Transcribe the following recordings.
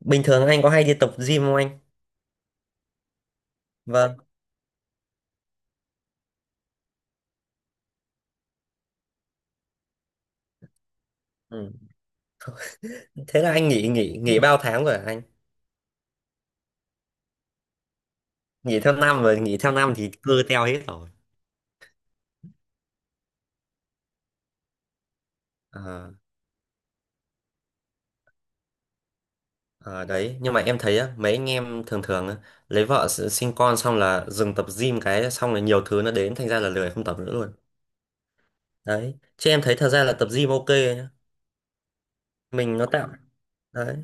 Bình thường anh có hay đi tập gym không anh? Vâng. Ừ. Thế là anh nghỉ nghỉ nghỉ bao tháng rồi hả anh? Nghỉ theo năm rồi, nghỉ theo năm thì cơ teo hết rồi. Ờ, ờ, đấy, nhưng mà em thấy á, mấy anh em thường thường á, lấy vợ sinh con xong là dừng tập gym cái xong là nhiều thứ nó đến thành ra là lười không tập nữa luôn. Đấy, chứ em thấy thật ra là tập gym ok nhá. Mình nó tạo đấy,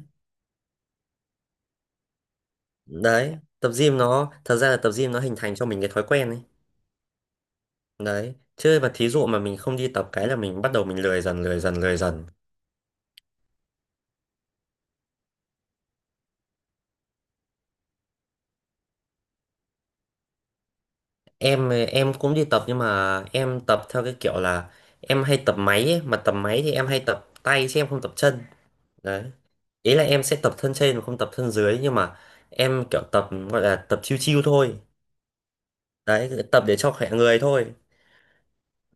đấy, tập gym nó thật ra là tập gym nó hình thành cho mình cái thói quen ấy. Đấy, chứ mà thí dụ mà mình không đi tập cái là mình bắt đầu mình lười dần lười dần lười dần. Em cũng đi tập nhưng mà em tập theo cái kiểu là em hay tập máy ấy. Mà tập máy thì em hay tập tay chứ em không tập chân. Đấy, ý là em sẽ tập thân trên mà không tập thân dưới, nhưng mà em kiểu tập gọi là tập chiêu chiêu thôi. Đấy, tập để cho khỏe người thôi.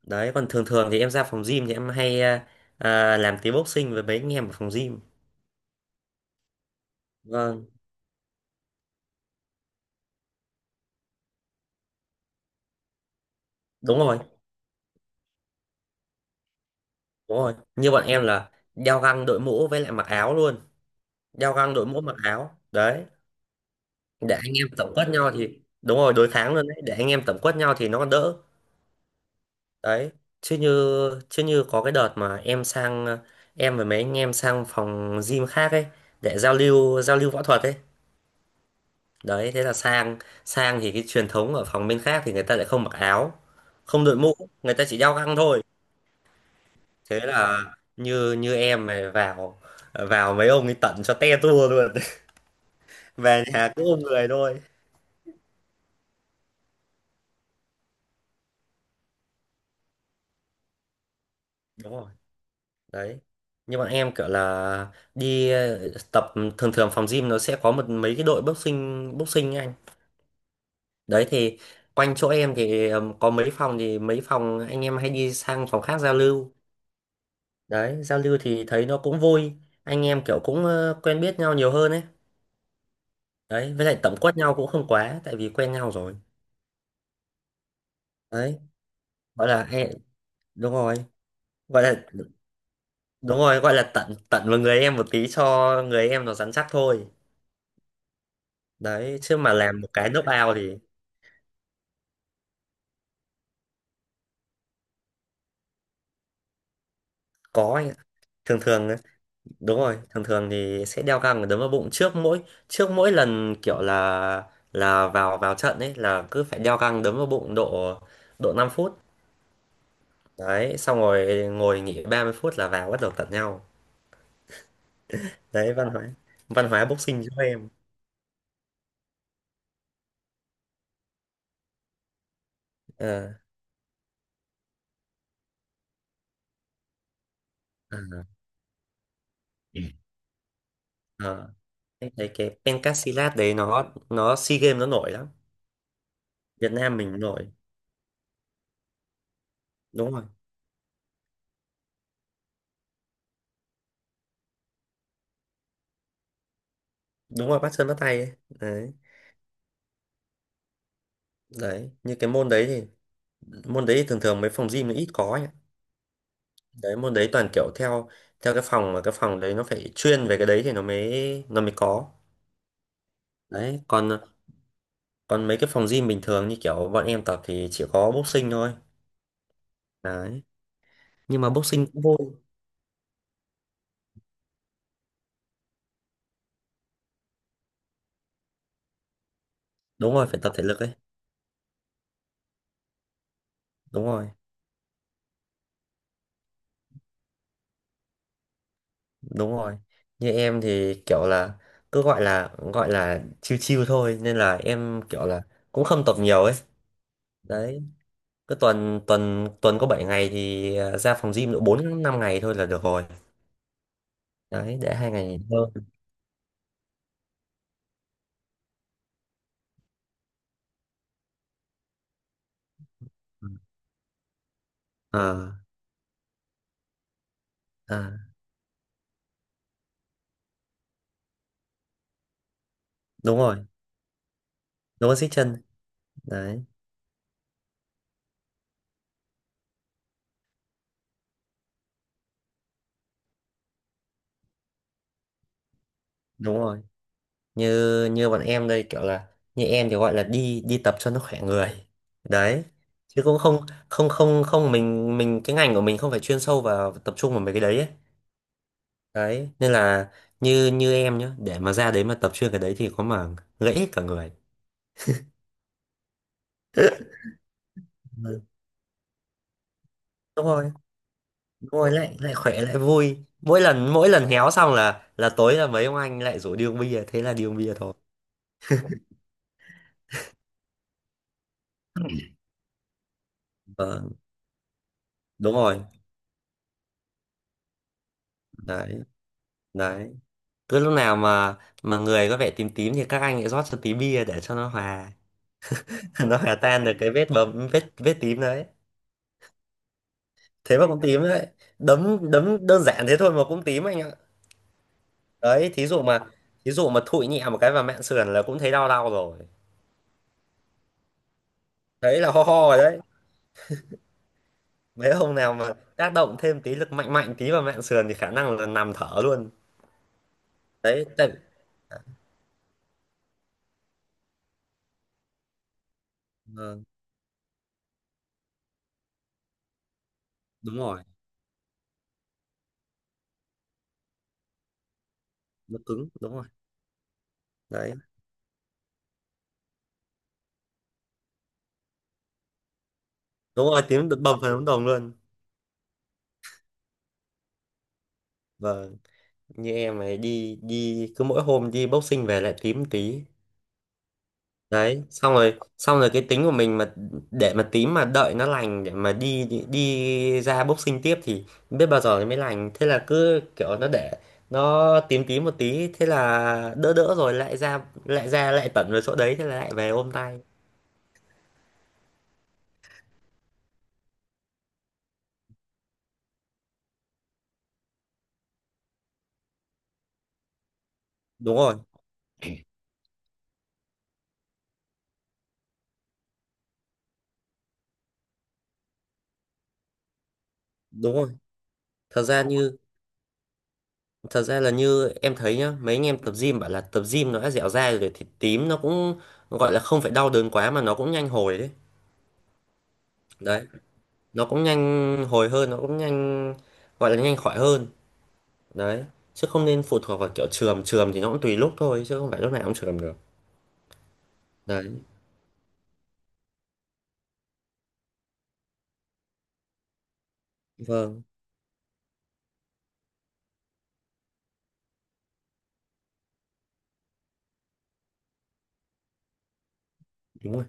Đấy, còn thường thường thì em ra phòng gym thì em hay làm tí boxing với mấy anh em ở phòng gym. Vâng. Đúng rồi, đúng rồi, như bọn em là đeo găng đội mũ với lại mặc áo luôn. Đeo găng đội mũ mặc áo đấy để anh em tổng quất nhau thì đúng rồi, đối kháng luôn đấy để anh em tổng quất nhau thì nó còn đỡ. Đấy, chứ như chứ như có cái đợt mà em sang em và mấy anh em sang phòng gym khác ấy để giao lưu võ thuật ấy. Đấy, thế là sang sang thì cái truyền thống ở phòng bên khác thì người ta lại không mặc áo, không đội mũ, người ta chỉ đeo găng thôi. Thế là như như em này vào vào mấy ông ấy tận cho te tua luôn. Về nhà cứ ôm người thôi. Đúng rồi đấy, như bọn em kiểu là đi tập thường thường phòng gym nó sẽ có một mấy cái đội boxing boxing ấy anh. Đấy thì quanh chỗ em thì có mấy phòng thì mấy phòng anh em hay đi sang phòng khác giao lưu. Đấy, giao lưu thì thấy nó cũng vui, anh em kiểu cũng quen biết nhau nhiều hơn ấy. Đấy, với lại tẩm quất nhau cũng không quá tại vì quen nhau rồi. Đấy, gọi là đúng rồi, gọi là đúng rồi, gọi là tận tận vào người em một tí cho người em nó rắn chắc thôi. Đấy, chứ mà làm một cái knock out thì có. Thường thường ấy, đúng rồi thường thường thì sẽ đeo găng và đấm vào bụng trước mỗi lần kiểu là vào vào trận ấy là cứ phải đeo găng đấm vào bụng độ độ 5 phút. Đấy, xong rồi ngồi nghỉ 30 phút là vào bắt đầu tận nhau. Đấy, văn hóa boxing giúp em. ờ ờ ờ. Em thấy cái pencasilat đấy nó SEA Games nó nổi lắm. Việt Nam mình nổi đúng rồi, đúng rồi bắt chân bắt tay ấy. Đấy, đấy như cái môn đấy thì thường thường mấy phòng gym nó ít có ấy. Đấy, môn đấy toàn kiểu theo theo cái phòng mà cái phòng đấy nó phải chuyên về cái đấy thì nó mới có. Đấy, còn còn mấy cái phòng gym bình thường như kiểu bọn em tập thì chỉ có boxing thôi. Đấy, nhưng mà boxing cũng vui. Đúng rồi phải tập thể lực ấy, đúng rồi, đúng rồi. Như em thì kiểu là cứ gọi là chill chill thôi nên là em kiểu là cũng không tập nhiều ấy. Đấy, cứ tuần tuần tuần có 7 ngày thì ra phòng gym độ 4 5 ngày thôi là được rồi. Đấy, để hai ngày nghỉ ngơi. Ờ, à, đúng rồi, nó có xích chân đấy, đúng rồi. Như như bọn em đây kiểu là như em thì gọi là đi đi tập cho nó khỏe người. Đấy, chứ cũng không không không không mình mình cái ngành của mình không phải chuyên sâu vào tập trung vào mấy cái đấy ấy. Đấy nên là như như em nhá, để mà ra đấy mà tập chuyên cái đấy thì có mà gãy hết cả người. Ừ, đúng rồi, đúng rồi lại lại khỏe lại vui mỗi lần héo xong là tối là mấy ông anh lại rủ đi uống bia thế là đi uống bia thôi. Vâng, đúng rồi đấy. Đấy cứ lúc nào mà người có vẻ tím tím thì các anh lại rót cho tí bia để cho nó hòa. Nó hòa tan được cái vết bầm vết vết tím đấy. Thế mà cũng tím đấy. Đấm đấm đơn giản thế thôi mà cũng tím anh ạ. Đấy, thí dụ mà thụi nhẹ một cái vào mạn sườn là cũng thấy đau đau rồi. Thấy là ho ho rồi đấy. Mấy ông nào mà tác động thêm tí lực mạnh mạnh tí vào mạn sườn thì khả năng là nằm thở luôn. Đấy tại. Vâng, đúng rồi nó cứng, đúng rồi. Đấy đúng rồi tím bầm phần ống đồng luôn. Vâng. Như em ấy đi đi cứ mỗi hôm đi boxing về lại tím một tí. Đấy, xong rồi cái tính của mình mà để mà tím mà đợi nó lành để mà đi đi ra boxing tiếp thì biết bao giờ nó mới lành, thế là cứ kiểu nó để nó tím tím một tí thế là đỡ đỡ rồi lại ra lại tẩn vào chỗ đấy thế là lại về ôm tay. Đúng rồi, đúng rồi. Thật ra như thật ra là như em thấy nhá, mấy anh em tập gym bảo là tập gym nó đã dẻo dai rồi thì tím nó cũng gọi là không phải đau đớn quá mà nó cũng nhanh hồi đấy. Đấy, nó cũng nhanh hồi hơn, nó cũng nhanh gọi là nhanh khỏi hơn. Đấy, chứ không nên phụ thuộc vào kiểu chườm, chườm thì nó cũng tùy lúc thôi chứ không phải lúc nào cũng chườm được. Đấy, vâng, đúng rồi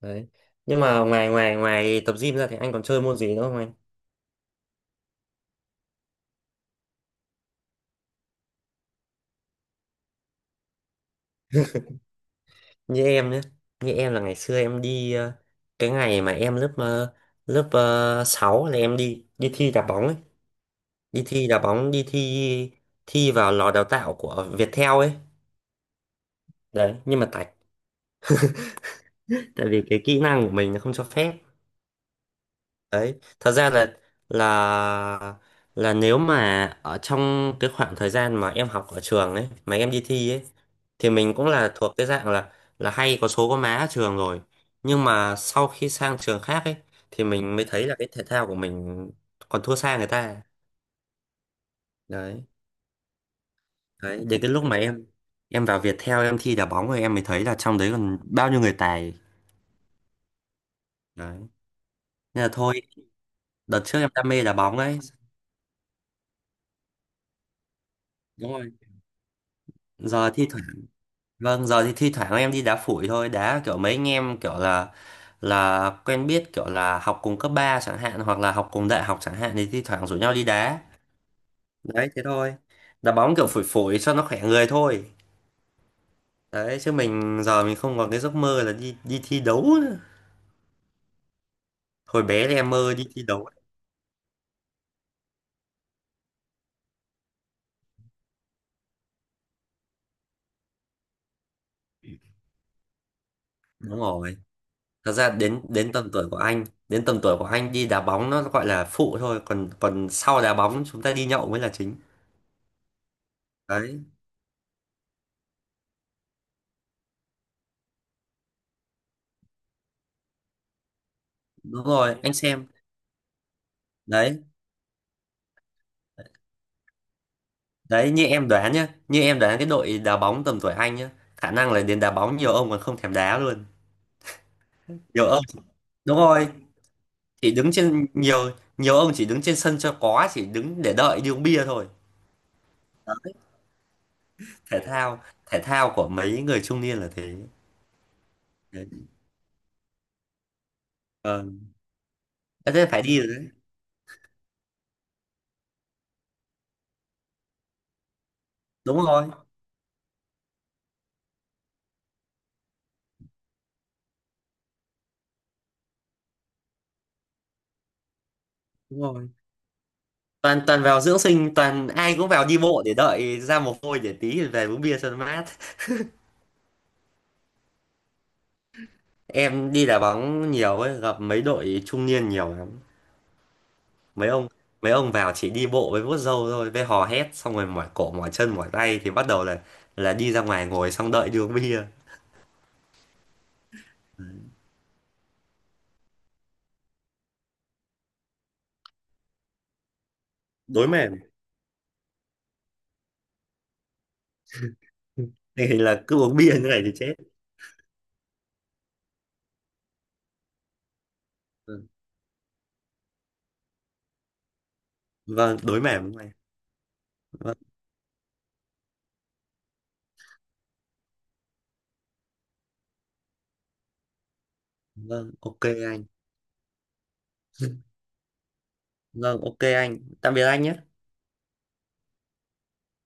đấy. Nhưng mà ngoài ngoài ngoài tập gym ra thì anh còn chơi môn gì nữa không anh? Như em nhé, như em là ngày xưa em đi cái ngày mà em lớp lớp 6 là em đi đi thi đá bóng ấy, đi thi đá bóng, đi thi thi vào lò đào tạo của Viettel ấy. Đấy, nhưng mà tại tại vì cái kỹ năng của mình nó không cho phép. Đấy, thật ra là là là nếu mà ở trong cái khoảng thời gian mà em học ở trường ấy mà em đi thi ấy thì mình cũng là thuộc cái dạng là hay có số có má ở trường rồi. Nhưng mà sau khi sang trường khác ấy thì mình mới thấy là cái thể thao của mình còn thua xa người ta. Đấy, đấy đến cái lúc mà em vào Viettel em thi đá bóng rồi em mới thấy là trong đấy còn bao nhiêu người tài. Đấy nên là thôi, đợt trước em đam mê đá bóng ấy, đúng rồi. Giờ thi. Vâng, giờ thì thi thoảng em đi đá phủi thôi, đá kiểu mấy anh em kiểu là quen biết kiểu là học cùng cấp 3 chẳng hạn hoặc là học cùng đại học chẳng hạn thì thi thoảng rủ nhau đi đá. Đấy thế thôi. Đá bóng kiểu phủi phủi cho nó khỏe người thôi. Đấy chứ mình giờ mình không còn cái giấc mơ là đi đi thi đấu nữa. Hồi bé thì em mơ đi thi đấu. Đúng rồi. Thật ra đến đến tầm tuổi của anh, đến tầm tuổi của anh đi đá bóng nó gọi là phụ thôi, còn còn sau đá bóng chúng ta đi nhậu mới là chính. Đấy, đúng rồi, anh xem. Đấy, đấy như em đoán nhá, như em đoán cái đội đá bóng tầm tuổi anh nhá, khả năng là đến đá bóng nhiều ông còn không thèm đá luôn. Nhiều ông đúng rồi, chỉ đứng trên nhiều nhiều ông chỉ đứng trên sân cho có, chỉ đứng để đợi đi uống bia thôi. Đó, thể thao của mấy người trung niên là thế. Đấy. Vâng. Thế nên phải đi rồi đấy. Đúng rồi, đúng rồi. Toàn toàn vào dưỡng sinh, toàn ai cũng vào đi bộ để đợi ra mồ hôi để tí về uống bia cho nó mát. Em đi đá bóng nhiều ấy, gặp mấy đội trung niên nhiều lắm. mấy ông mấy ông vào chỉ đi bộ với vuốt râu thôi với hò hét xong rồi mỏi cổ mỏi chân mỏi tay thì bắt đầu là đi ra ngoài ngồi xong đợi đi uống bia. Đối mềm, tình hình là cứ uống bia như này thì chết. Ừ. Vâng, đối mềm đúng này. Vâng, vâng ok anh. Vâng ok anh, tạm biệt anh nhé.